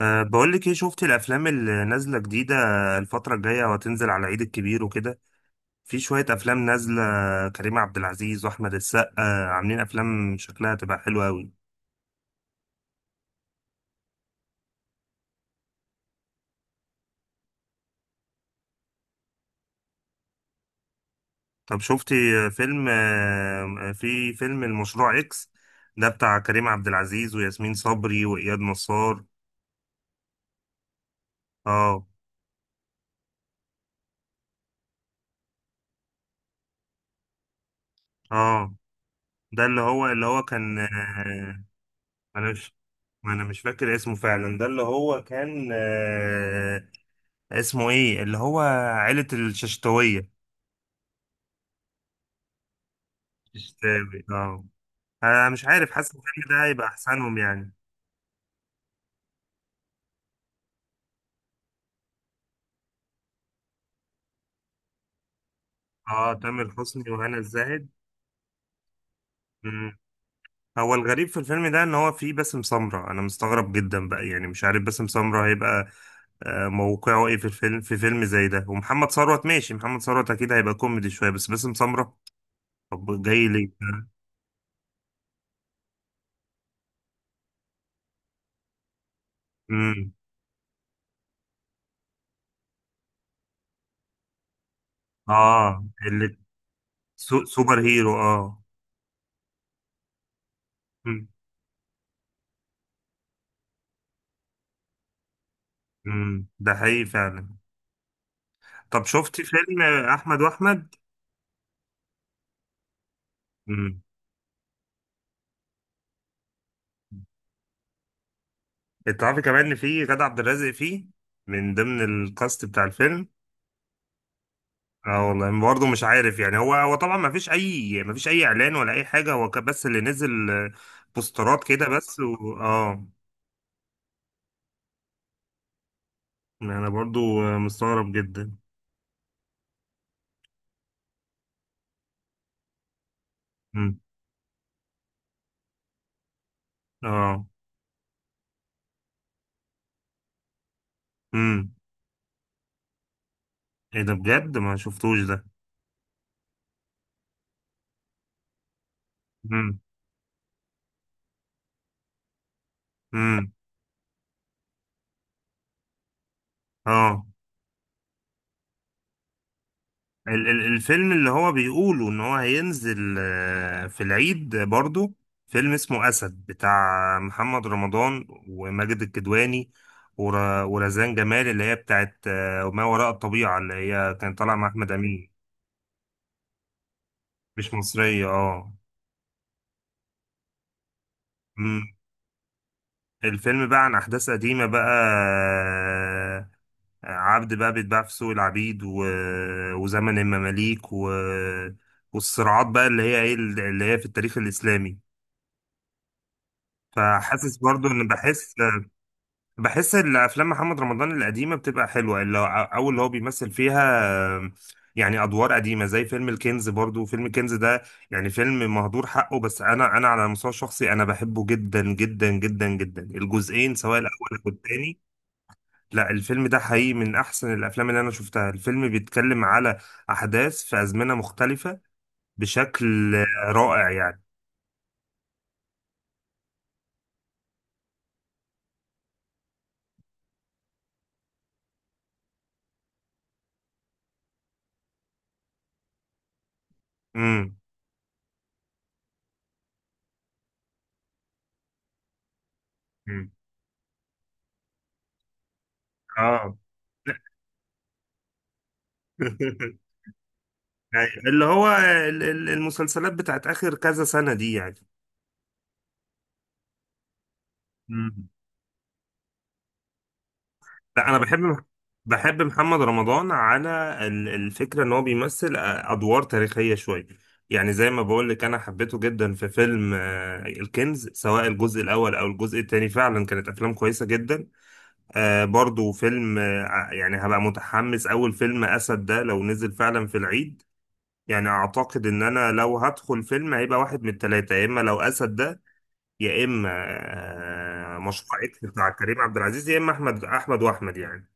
بقول لك ايه، شفت الافلام اللي نازله جديده الفتره الجايه وهتنزل على العيد الكبير وكده. في شويه افلام نازله. كريم عبد العزيز واحمد السقا عاملين افلام شكلها تبقى حلوه قوي. طب شفتي فيلم؟ في فيلم المشروع اكس ده بتاع كريم عبد العزيز وياسمين صبري واياد نصار. اه اه ده اللي هو كان انا مش انا مش فاكر اسمه فعلا. ده اللي هو كان اسمه ايه؟ اللي هو عيلة الششتوية. الششتاوي اه. انا مش عارف، حاسس الفيلم ده هيبقى احسنهم يعني. اه تامر حسني وهنا الزاهد. مم. هو الغريب في الفيلم ده ان هو فيه باسم سمرة. انا مستغرب جدا بقى، يعني مش عارف باسم سمرة هيبقى موقعه ايه في الفيلم، في فيلم زي ده. ومحمد ثروت ماشي، محمد ثروت اكيد هيبقى كوميدي شوية، بس باسم سمرة طب جاي ليه؟ امم. اه اللي سوبر هيرو اه. مم. مم. ده حقيقي فعلا. طب شفتي فيلم احمد واحمد؟ امم. تعرفي كمان ان في غادة عبد الرازق فيه، من ضمن الكاست بتاع الفيلم. اه والله برضه مش عارف يعني. هو طبعا ما فيش اي اعلان ولا اي حاجه. هو كان بس اللي نزل بوسترات كده بس و اه. انا برضه مستغرب جدا. امم. اه. امم. ايه ده بجد؟ ما شفتوش ده. امم. امم. اه. الفيلم اللي هو بيقولوا ان هو هينزل في العيد برضو، فيلم اسمه اسد بتاع محمد رمضان وماجد الكدواني ورزان جمال اللي هي بتاعت ما وراء الطبيعة، اللي هي كان طالع مع احمد امين. مش مصرية اه. مم. الفيلم بقى عن احداث قديمة بقى، عبد بقى بيتباع في سوق العبيد، و... وزمن المماليك، و... والصراعات بقى اللي هي ايه، اللي هي في التاريخ الاسلامي. فحاسس برضو ان بحس ان افلام محمد رمضان القديمه بتبقى حلوه، اللي هو بيمثل فيها. آه، يعني ادوار قديمه زي فيلم الكنز. برضو فيلم الكنز ده يعني فيلم مهدور حقه. بس انا على المستوى الشخصي انا بحبه جدا جدا جدا جدا، الجزئين سواء الاول او الثاني. لا، الفيلم ده حقيقي من احسن الافلام اللي انا شفتها. الفيلم بيتكلم على احداث في ازمنه مختلفه بشكل رائع يعني. امم. امم. اه. أيوة. اللي هو المسلسلات بتاعت آخر كذا سنة دي يعني. مم. لا، أنا بحب بحب محمد رمضان على الفكرة إن هو بيمثل أدوار تاريخية شوية. يعني زي ما بقول لك، أنا حبيته جدا في فيلم الكنز، سواء الجزء الأول أو الجزء التاني، فعلا كانت أفلام كويسة جدا. برضو فيلم يعني هبقى متحمس أول فيلم أسد ده لو نزل فعلا في العيد. يعني أعتقد إن أنا لو هدخل فيلم هيبقى واحد من التلاتة، يا إما لو أسد ده، يا اما مشروع اكس بتاع كريم عبد العزيز، يا اما احمد احمد واحمد يعني.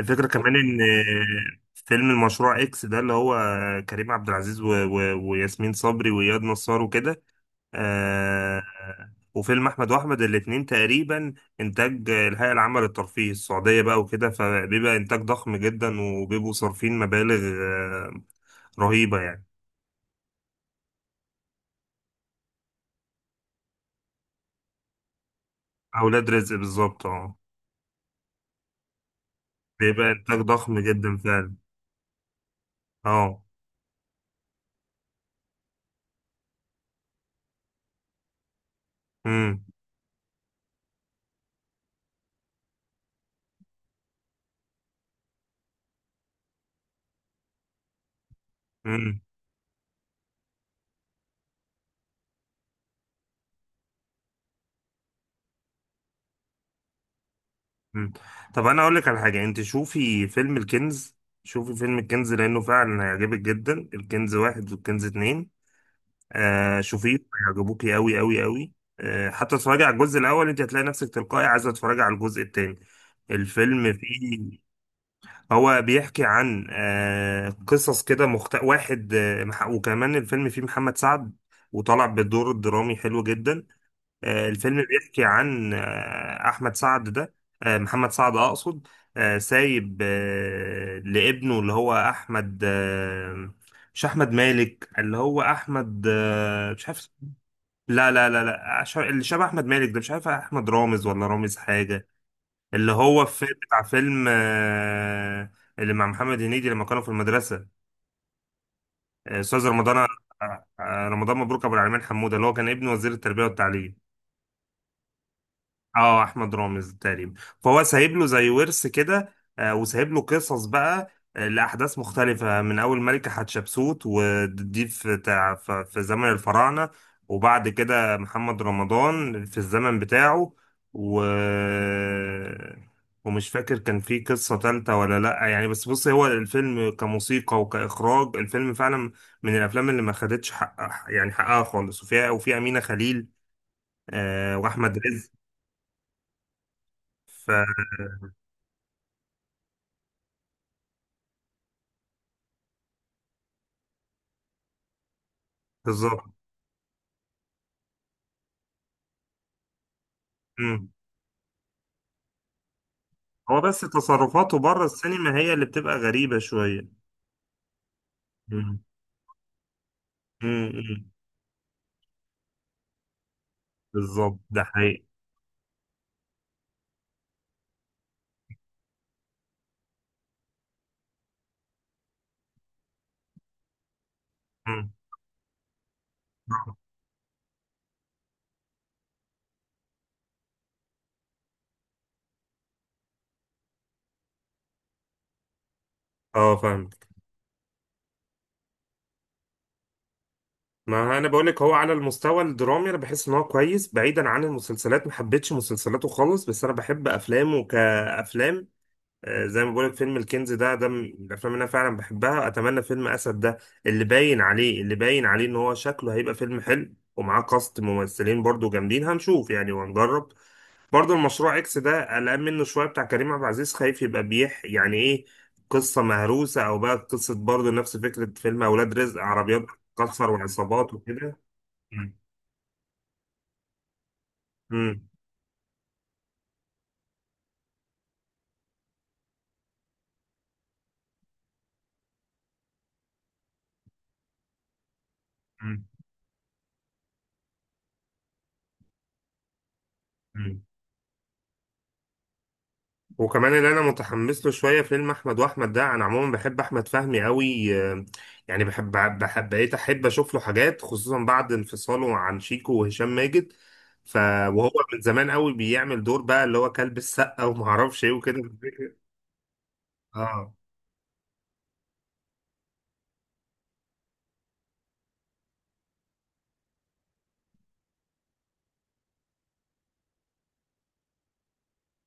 الفكره كمان ان فيلم المشروع اكس ده اللي هو كريم عبد العزيز وياسمين صبري واياد نصار وكده. آه، وفيلم احمد واحمد الاتنين تقريبا انتاج الهيئه العامه للترفيه السعوديه بقى وكده، فبيبقى انتاج ضخم جدا وبيبقوا صارفين مبالغ رهيبه يعني. اولاد رزق بالظبط اه. بيبقى انتاج ضخم جدا فعلا. اه. امم. مم. طب انا اقول لك على حاجه، انت شوفي فيلم الكنز. شوفي فيلم الكنز لانه فعلا هيعجبك جدا. الكنز واحد والكنز اتنين، شوفيه هيعجبوكي قوي قوي قوي. حتى اتفرجي على الجزء الاول، انت هتلاقي نفسك تلقائي عايزه تتفرجي على الجزء التاني. الفيلم فيه، هو بيحكي عن قصص كده واحد وكمان الفيلم فيه محمد سعد، وطلع بدور درامي حلو جدا. الفيلم بيحكي عن أحمد سعد ده، محمد سعد أقصد، سايب لابنه اللي هو أحمد، مش أحمد مالك، اللي هو أحمد مش عارف. لا لا لا لا اللي شبه أحمد مالك ده، مش عارف، أحمد رامز ولا رامز حاجة. اللي هو في بتاع فيلم اللي مع محمد هنيدي لما كانوا في المدرسة، أستاذ رمضان، رمضان مبروك أبو العلمين حمودة، اللي هو كان ابن وزير التربية والتعليم. اه احمد رامز تقريبا. فهو سايب له زي ورث كده، وسايب له قصص بقى، لاحداث مختلفه، من اول ملكه حتشبسوت، ودي في زمن الفراعنه، وبعد كده محمد رمضان في الزمن بتاعه، و ومش فاكر كان في قصة تالتة ولا لأ يعني. بس بص، هو الفيلم كموسيقى وكإخراج، الفيلم فعلا من الأفلام اللي ما خدتش حقها يعني، حقها خالص. وفيها، وفي أمينة خليل، وأحمد رزق بالظبط. مم. هو بس تصرفاته بره السينما هي اللي بتبقى غريبة شوية. مم. مم. مم. بالظبط ده حقيقي. مم. اه فاهم. ما انا بقول لك، هو على المستوى الدرامي انا بحس ان هو كويس، بعيدا عن المسلسلات. ما حبيتش مسلسلاته خالص، بس انا بحب افلامه كافلام. زي ما بقول لك فيلم الكنز ده من الافلام اللي انا فعلا بحبها. اتمنى فيلم اسد ده، اللي باين عليه ان هو شكله هيبقى فيلم حلو، ومعاه كاست ممثلين برضو جامدين. هنشوف يعني وهنجرب. برضه المشروع اكس ده قلقان منه شويه، بتاع كريم عبد العزيز، خايف يبقى بيح يعني، ايه، قصه مهروسه، او بقى قصه برضه نفس فكره فيلم اولاد رزق، عربيات كسر وعصابات وكده. مم. مم. مم. مم. وكمان اللي انا متحمس له شويه فيلم احمد واحمد ده. انا عموما بحب احمد فهمي قوي، يعني بحب بقيت احب اشوف له حاجات، خصوصا بعد انفصاله عن شيكو وهشام ماجد. ف وهو من زمان قوي بيعمل دور بقى، اللي هو كلب السقه وما اعرفش ايه وكده. اه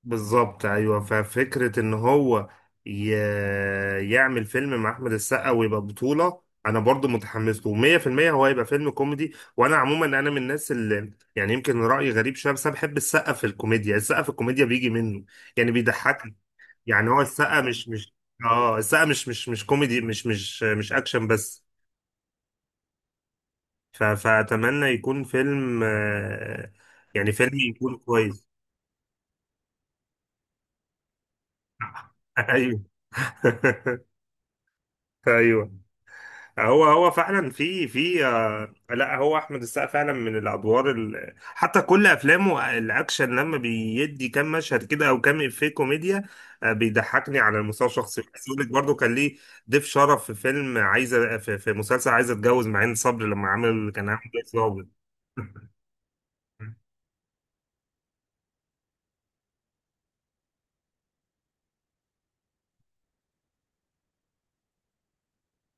بالظبط ايوه. ففكره ان هو ي... يعمل فيلم مع احمد السقا ويبقى بطوله، انا برضو متحمس له 100%. هو هيبقى فيلم كوميدي، وانا عموما انا من الناس اللي يعني يمكن رايي غريب شويه، بس انا بحب السقا في الكوميديا. السقا في الكوميديا بيجي منه يعني، بيضحكني. يعني هو السقا مش اه، السقا مش كوميدي، مش اكشن بس. فاتمنى يكون فيلم، يعني فيلم يكون كويس. ايوه. ايوه. هو فعلا، في لا هو احمد السقا فعلا من الادوار حتى كل افلامه، الاكشن لما بيدي كام مشهد كده او كام افيه كوميديا، بيضحكني على المستوى الشخصي. بس يقول لك برضه كان ليه ضيف شرف في فيلم عايزه، في مسلسل عايزه اتجوز، معين صبري لما عمل، كان عامل ضيف ضابط.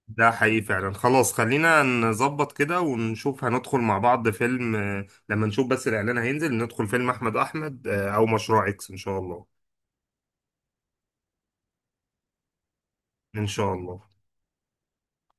ده حقيقي فعلا. خلاص خلينا نظبط كده ونشوف هندخل مع بعض فيلم، لما نشوف بس الاعلان هينزل، ندخل فيلم احمد احمد او مشروع اكس ان شاء الله. إن شاء الله.